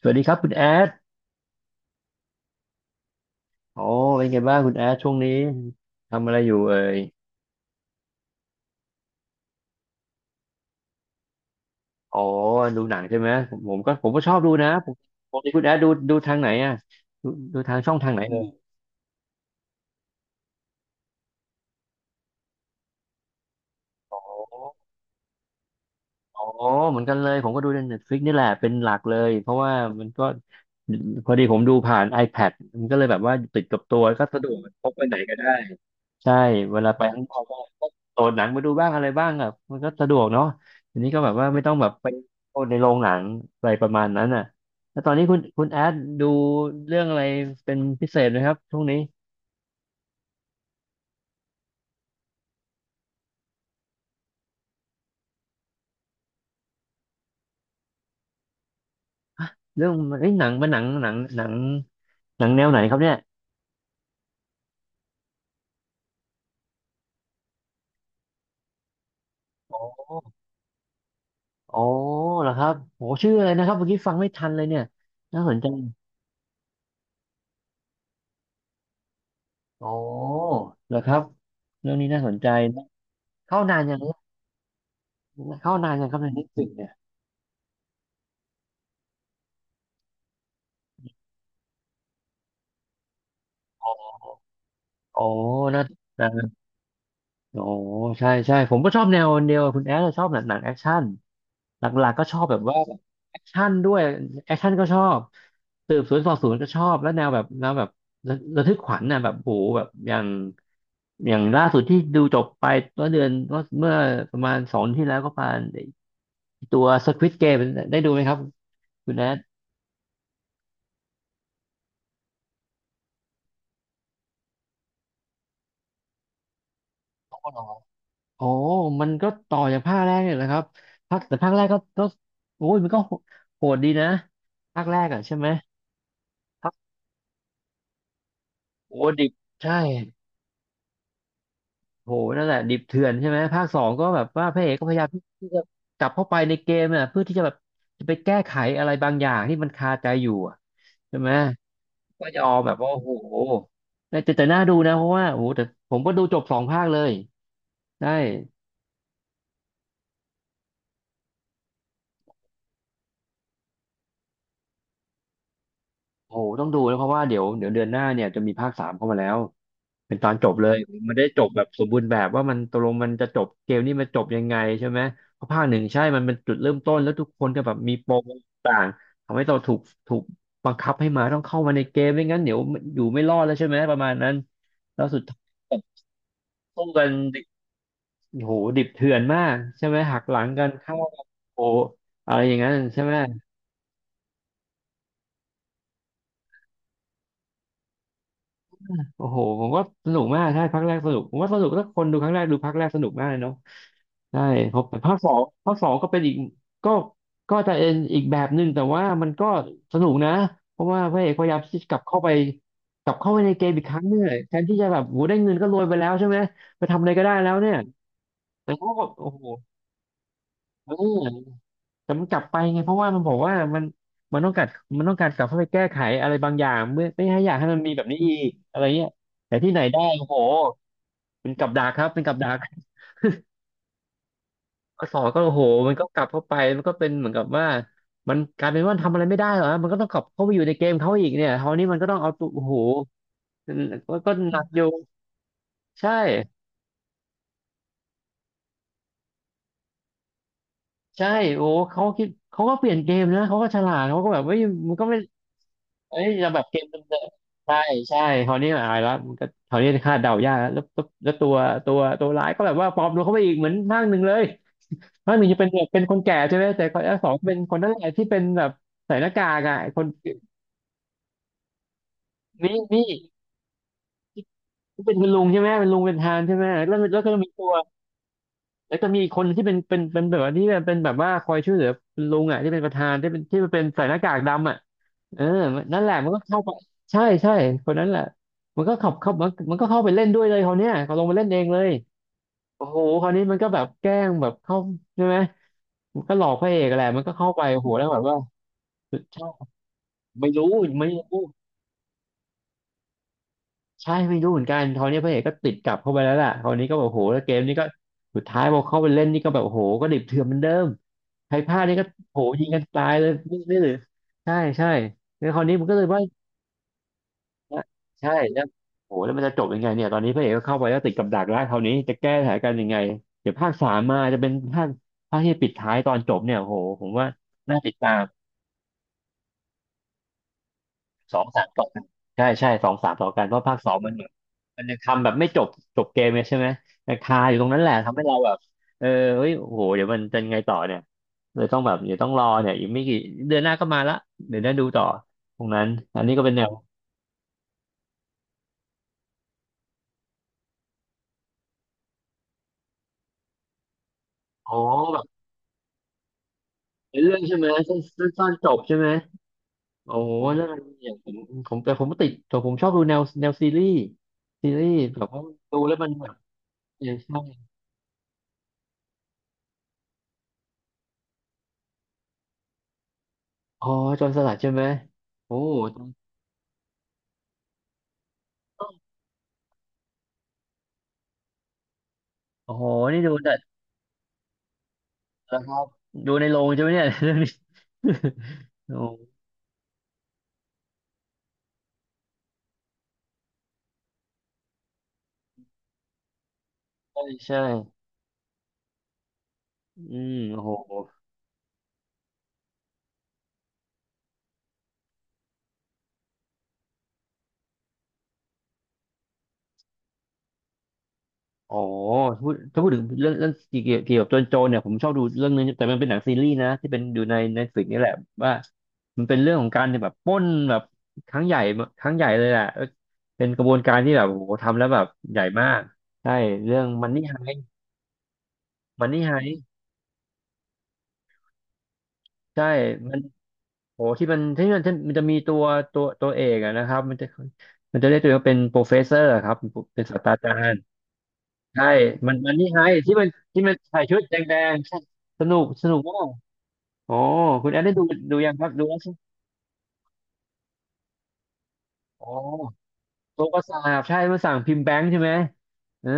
สวัสดีครับคุณแอดอ๋อเป็นไงบ้างคุณแอดช่วงนี้ทำอะไรอยู่เอ่ยอ๋อดูหนังใช่ไหมผมก็ชอบดูนะผมปกติคุณแอดดูทางไหนอ่ะดูดูทางช่องทางไหนเอ่ยออ๋ออ๋อเหมือนกันเลยผมก็ดูใน Netflix นี่แหละเป็นหลักเลยเพราะว่ามันก็พอดีผมดูผ่าน iPad มันก็เลยแบบว่าติดกับตัวก็สะดวกพกไปไหนก็ได้ ใช่เวลาไปข้างนอกก็โหลดหนังมาดูบ้างอะไรบ้างแบบมันก็สะดวกเนาะทีนี้ก็แบบว่าไม่ต้องแบบไปโหลดในโรงหนังอะไรประมาณนั้นอ่ะแล้วตอนนี้คุณแอดดูเรื่องอะไรเป็นพิเศษไหมครับช่วงนี้เรื่องเอ้ยหนังเป็นหนังแนวไหนครับเนี่ยโอ้โอ้เหรอครับโอ้ชื่ออะไรนะครับเมื่อกี้ฟังไม่ทันเลยเนี่ยน่าสนใจโอ้เหรอครับเรื่องนี้น่าสนใจนะเข้านานยังเนี่ยเข้านานยังครับใน Netflix เนี่ยโอ้น่า โอ้ใช่ใช่ผมก็ชอบแนวเดียวกับคุณแอดชอบหนังแอคชั่นหลักๆก็ชอบแบบว่าแอคชั่นด้วยแอคชั่นก็ชอบสืบสวนสอบสวนก็ชอบแล้วแนวแบบระทึกขวัญน่ะแบบโหแบบอย่างล่าสุดที่ดูจบไปเมื่อเดือนก็เมื่อประมาณสองที่แล้วก็ประมาณตัว Squid Game ได้ดูไหมครับคุณแอดโอ้อหรอโอ้มันก็ต่อจากภาคแรกเนี่ยแหละครับภาคแต่ภาคแรกก็โอ้ยมันก็โหโหดดีนะภาคแรกอ่ะใช่ไหม โอ้ดิบใช่โหนั่นแหละดิบเถื่อนใช่ไหมภาคสองก็แบบว่าพระเอกก็พยายามที่จะกลับเข้าไปในเกมอ่ะเพื่อที่จะแบบจะไปแก้ไขอะไรบางอย่างที่มันคาใจอยู่อะใช่ไหมก็ยอมแบบว่าโอ้โหแต่น่าดูนะเพราะว่าโอ้โหแต่ผมก็ดูจบสองภาคเลยได้โอ้โหต้องดูนะเพราะว่าเดี๋ยวเดือนหน้าเนี่ยจะมีภาคสามเข้ามาแล้ว เป็นตอนจบเลยมันได้จบแบบสมบูรณ์แบบว่ามันตกลงมันจะจบเกมนี้มันจบยังไงใช่ไหมเพราะภาคหนึ่งใช่มันเป็นจุดเริ่มต้นแล้วทุกคนก็แบบมีปมต่างทำให้เราถูกบังคับให้มาต้องเข้ามาในเกมไม่งั้นเดี๋ยวอยู่ไม่รอดแล้วใช่ไหมประมาณนั้นแล้วสุดท้ายก็สู้กันดิบโอ้โหดิบเถื่อนมากใช่ไหมหักหลังกันเข้ากันโอ้โหอะไรอย่างนั้นใช่ไหมโอ้โหผมก็สนุกมากใช่ภาคแรกสนุกผมว่าสนุกถ้าคนดูครั้งแรกดูภาคแรกสนุกมากเลยเนาะ ใช่ครับแต่ภาคสองก็เป็นอีกก็ก็จะเอ็นอีกแบบหนึ่งแต่ว่ามันก็สนุกนะเพราะว่าพระเอกพยายามที่จะกลับเข้าไปในเกมอีกครั้งเนี่ยแทนที่จะแบบโหได้เงินก็รวยไปแล้วใช่ไหมไปทำอะไรก็ได้แล้วเนี่ยแต่เขาก็โอ้โหเออแต่มันกลับไปไงเพราะว่ามันบอกว่ามันมันต้องการมันต้องการกลับเข้าไปแก้ไขอะไรบางอย่างไม่ให้อยากให้มันมีแบบนี้อีกอะไรเงี้ยแต่ที่ไหนได้โอ้โหเป็นกับดักครับเป็นกับดัก ก็สอนก็โอ้โหมันก็กลับเข้าไปมันก็เป็นเหมือนกับว่ามันกลายเป็นว่าทำอะไรไม่ได้เหรอมันก็ต้องกลับเข้าไปอยู่ในเกมเขาอีกเนี่ยคราวนี้มันก็ต้องเอาตัวโอ้โหก็หนักอยู่ใช่ใช่โอ้เขาคิดเขาก็เปลี่ยนเกมนะเขาก็ฉลาดเขาก็แบบเฮ้ยมันก็ไม่เอ้ยเราแบบเกมเดิมๆใช่ใช่คราวนี้อายแล้วมันก็คราวนี้คาดเดายากแล้วตัวร้ายก็แบบว่าปลอมตัวเข้าไปอีกเหมือนภาคหนึ่งเลยภาคหนึ่งจะเป็นแบบเป็นคนแก่ใช่ไหมแต่ภาคสองเป็นคนนั่นแหละที่เป็นแบบใส่หน้ากากอ่ะไอ้คนนี่ เป็นคุณลุงใช่ไหมเป็นลุงเป็นทหานใช่ไหมแล้วก็มีตัวแล้วก็มีอีกคนที่เป็นแบบว่าที่เป็นแบบว่าคอยช่วยเหลือคุณลุงอ่ะที่เป็นประธานที่เป็นใส่หน้ากากดำอ่ะเออนั่นแหละมันก็เข้าไปใช่ใช่คนนั้นแหละมันก็ขับเข้ามันก็เข้าไปเล่นด้วยเลยเขาวเนี้ยเขาลงมาเล่นเองเลยโอ้โหคราวนี้มันก็แบบแกล้งแบบเข้าใช่ไหมมันก็หลอกพระเอกแหละมันก็เข้าไปโอ้โหแล้วแบบว่าใช่ไม่รู้ไม่รู้ ใช่ไม่รู้เหมือนกันคราวนี้พระเอกก็ติดกลับเข้าไปแล้วล่ะคราวนี้ก็แบบโอ้โหแล้วเกมนี้ก็สุดท้ายพอเข้าไปเล่นนี่ก็แบบโอ้โหก็ดิบเถื่อนเหมือนเดิมใครพลาดนี่ก็โอ้โหยิงกันตายเลยนี่นี่หรือใช่ใช่แล้วคราวนี้มันก็เลยว่าใช่แล้วโอ้โหแล้วมันจะจบยังไงเนี่ยตอนนี้พระเอกก็เข้าไปแล้วติดกับดักแล้วคราวนี้จะแก้สถานการณ์ยังไงเดี๋ยวภาคสามมาจะเป็นภาคที่ปิดท้ายตอนจบเนี่ยโอ้โหผมว่าน่าติดตาม สองสามต่อกันใช่ใช่สองสามต่อกันเพราะภาคสองมันเหมือนมันยังทำแบบไม่จบจบเกมเลยใช่ไหมมันคาอยู่ตรงนั้นแหละทำให้เราแบบเออเฮ้ยโอ้โหเดี๋ยวมันจะยังไงต่อเนี่ยเลยต้องแบบเดี๋ยวต้องรอเนี่ยอีกไม่กี่เดือนหน้าก็มาละเดี๋ยวได้ดูต่อตรงนั้นอันนี้ก็เป็นแนวอ๋อแบบเป็นเรื่องใช่ไหมสั้นสั้นสั้นจบใช่ไหมโอ้โหนั่นอย่างผมแต่ผมติดแต่ผมชอบดูแนวแนวซีรีส์ซีรีส์แบบว่าดูแล้วมันแบบเออใช่อ๋อจนสลัดใช่ไหมโอ้ โอ้โหนี่ดูแต่แล้วครับดูในโรงใช่ไหมเนี่ย เรื่องนี้ โอ้ใช่ใช่อืมโอ้โหโอ้โหพูดถ้าพูดถึงเรื่องเรื่องเกี่ยวเกี่ยวกับโจรโจรเนี่ยผมชอบดูเรื่องนึงแต่มันเป็นหนังซีรีส์นะที่เป็นอยู่ในในฟิกนี่แหละว่ามันเป็นเรื่องของการแบบปล้นแบบครั้งใหญ่ครั้งใหญ่เลยแหละเออเป็นกระบวนการที่แบบโอ้โหทำแล้วแบบใหญ่มากใช่เรื่องมันนี่ไฮมันนี่ไฮใช่ โอ้ที่มันจะมีตัวตัวเอกอะนะครับมันจะเรียกตัวเองว่าเป็นโปรเฟสเซอร์ครับเป็นศาสตราจารย์ใช่ มันนี่ไงที่มันใส่ชุดแดงๆใช่สนุกสนุกมากโอ้คุณแอนได้ดูดูยังครับดูแล้วใช่ไหมโอ้ตัวประสาบใช่มาสั่งพิมพ์แบงค์ใช่ไหมเออ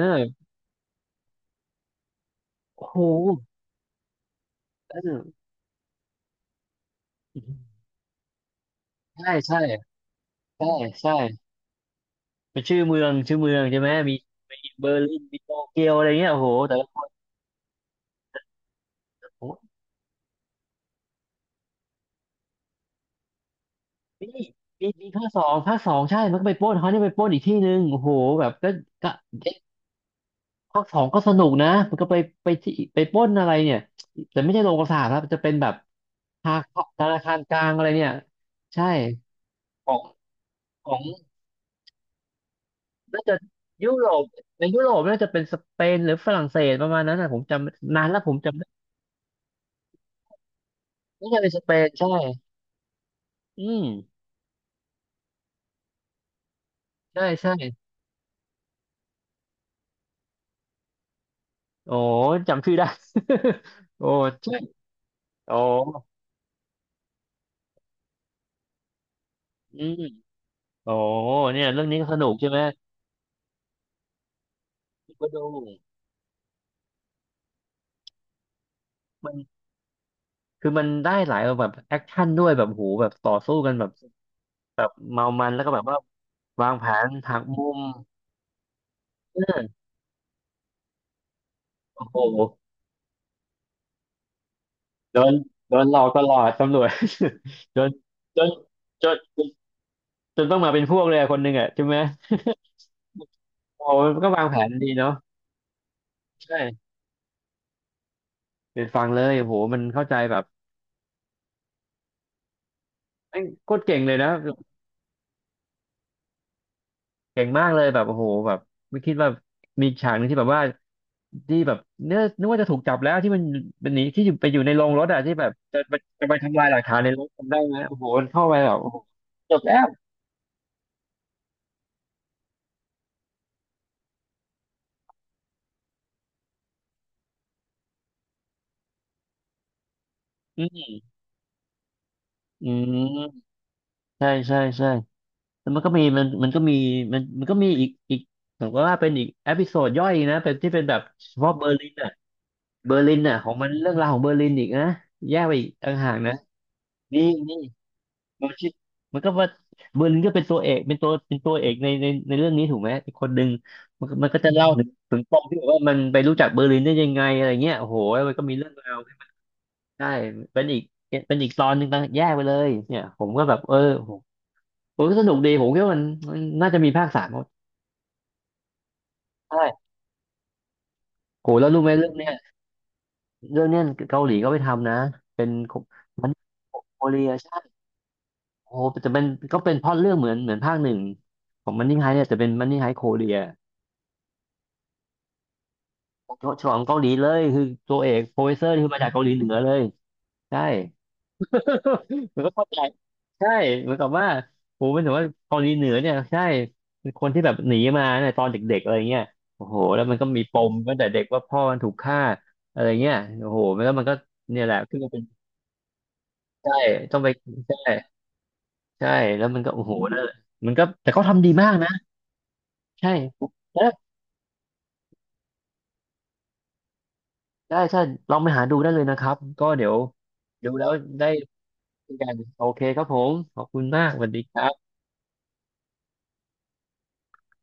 โอ้โหเออใช่ใช่ใช่ใช่เป็นชื่อเมืองชื่อเมืองใช่ไหมมีมีเบอร์ลินมีโตเกียวอะไรเงี้ยโอ้โหแต่ละคน มีมีมีภาคสองภาคสองใช่มันก็ไปปล้นเขาเนี่ยไปปล้นอีกที่หนึ่งโอ้โหแบบก็เอ๊ะภาคสองก็สนุกนะมันก็ไปไปที่ไปปล้นอะไรเนี่ยแต่ไม่ใช่โรงกษาครับจะเป็นแบบธนาคารธนาคารกลางอะไรเนี่ยใช่ของของน่าจะยุโรปในยุโรปน่าจะเป็นสเปนหรือฝรั่งเศสประมาณนั้นนะผมจำนานแล้วผมจำไม่น่าจะเป็นสเปนใช่อืมใช่ใช่โอ้จำชื่อได้ โอ้ใช่โอ้อืมโอ้เนี่ยเรื่องนี้ก็สนุกใช่ไหม กดูมันคือมันได้หลายแบบแอคชั่นด้วยแบบโหแบบต่อสู้กันแบบแบบเมามันแล้วก็แบบว่าวางแผนหักมุมเออโอ้โหโดนโดนหลอกตลอดตำรวจ โดนจนจนจนต้องมาเป็นพวกเลยอะคนหนึ่งอ่ะใช่ไหมโอ้โหมันก็วางแผนดีเนาะใช่เป็นฟังเลยโอ้โหมันเข้าใจแบบแม่งโคตรเก่งเลยนะ เก่งมากเลยแบบโอ้โหแบบไม่คิดว่ามีฉากหนึงที่แบบว่าที่แบบเนื้อนึกว่าจะถูกจับแล้วที่มันหนีที่อยู่ไปอยู่ในโรงรถอะที่แบบจะไปทำลายหลักฐานในรถจำได้ไหมโอ้โหมันเข้าไปแบบโอ้โหจบแล้วอืมอใช่ใช่ใช่แล้วมันก็มีมันก็มีมันก็มีอีกอีกผมก็ว่าเป็นอีกเอพิโซดย่อยนะเป็นที่เป็นแบบเฉพาะเบอร์ลินอะเบอร์ลินอะของมันเรื่องราวของเบอร์ลินอีกนะแยกไปอีกต่างหากนะนี่ มันชิมันก็ว่าเบอร์ลินก็เป็นตัวเอกเป็นตัวเป็นตัวเอกในเรื่องนี้ถูกไหมอีกคนหนึ่งมันก็จะเล่าถึงถึงปมที่แบบว่ามันไปรู้จักเบอร์ลินได้ยังไงอะไรเงี้ยโอ้โหมันก็มีเรื่องราวใช่ เป็นอีกเป็นอีกตอนหนึ่งต่างแยกไปเลยเนี่ยผมก็แบบเออผมผมก็สนุกดีผมคิดว่ามันน่าจะมีภาคสามเพราะใช่โหแล้วรู้ไหมเรื่องเนี้ยเรื่องเนี้ยเกาหลีก็ไปทำนะเป็นมันโคเรียใช่โอ้โหแต่เป็นก็เป็นพล็อตเรื่องเหมือนเหมือนภาคหนึ่งของมันนี่ไฮเนี่ยแต่เป็นมันนี่ไฮโคเรีย ฉลองเกาหลีเลยคือตัวเอกโปรเฟสเซอร์คือมาจากเกาหลีเหนือเลยใช่ มันก็เข้าใจใช่เหมือนกับว่าผมเป็นถึงว่าเกาหลีเหนือเนี่ยใช่เป็นคนที่แบบหนีมาเนี่ยตอนเด็กๆอะไรเงี้ยโอ้โหแล้วมันก็มีปมตั้งแต่เด็กว่าพ่อมันถูกฆ่าอะไรเงี้ยโอ้โหมันก็เนี่ยแหละคือมันเป็นใช่ต้องไปใช่ใช่แล้วมันก็โอ้โหนั่นแหละมันก็แต่เขาทำดีมากนะใช่แล้วได้ใช่ลองไปหาดูได้เลยนะครับก็เดี๋ยวดูแล้วได้ กันโอเคครับผมขอบคุณมากสวัสดีครับ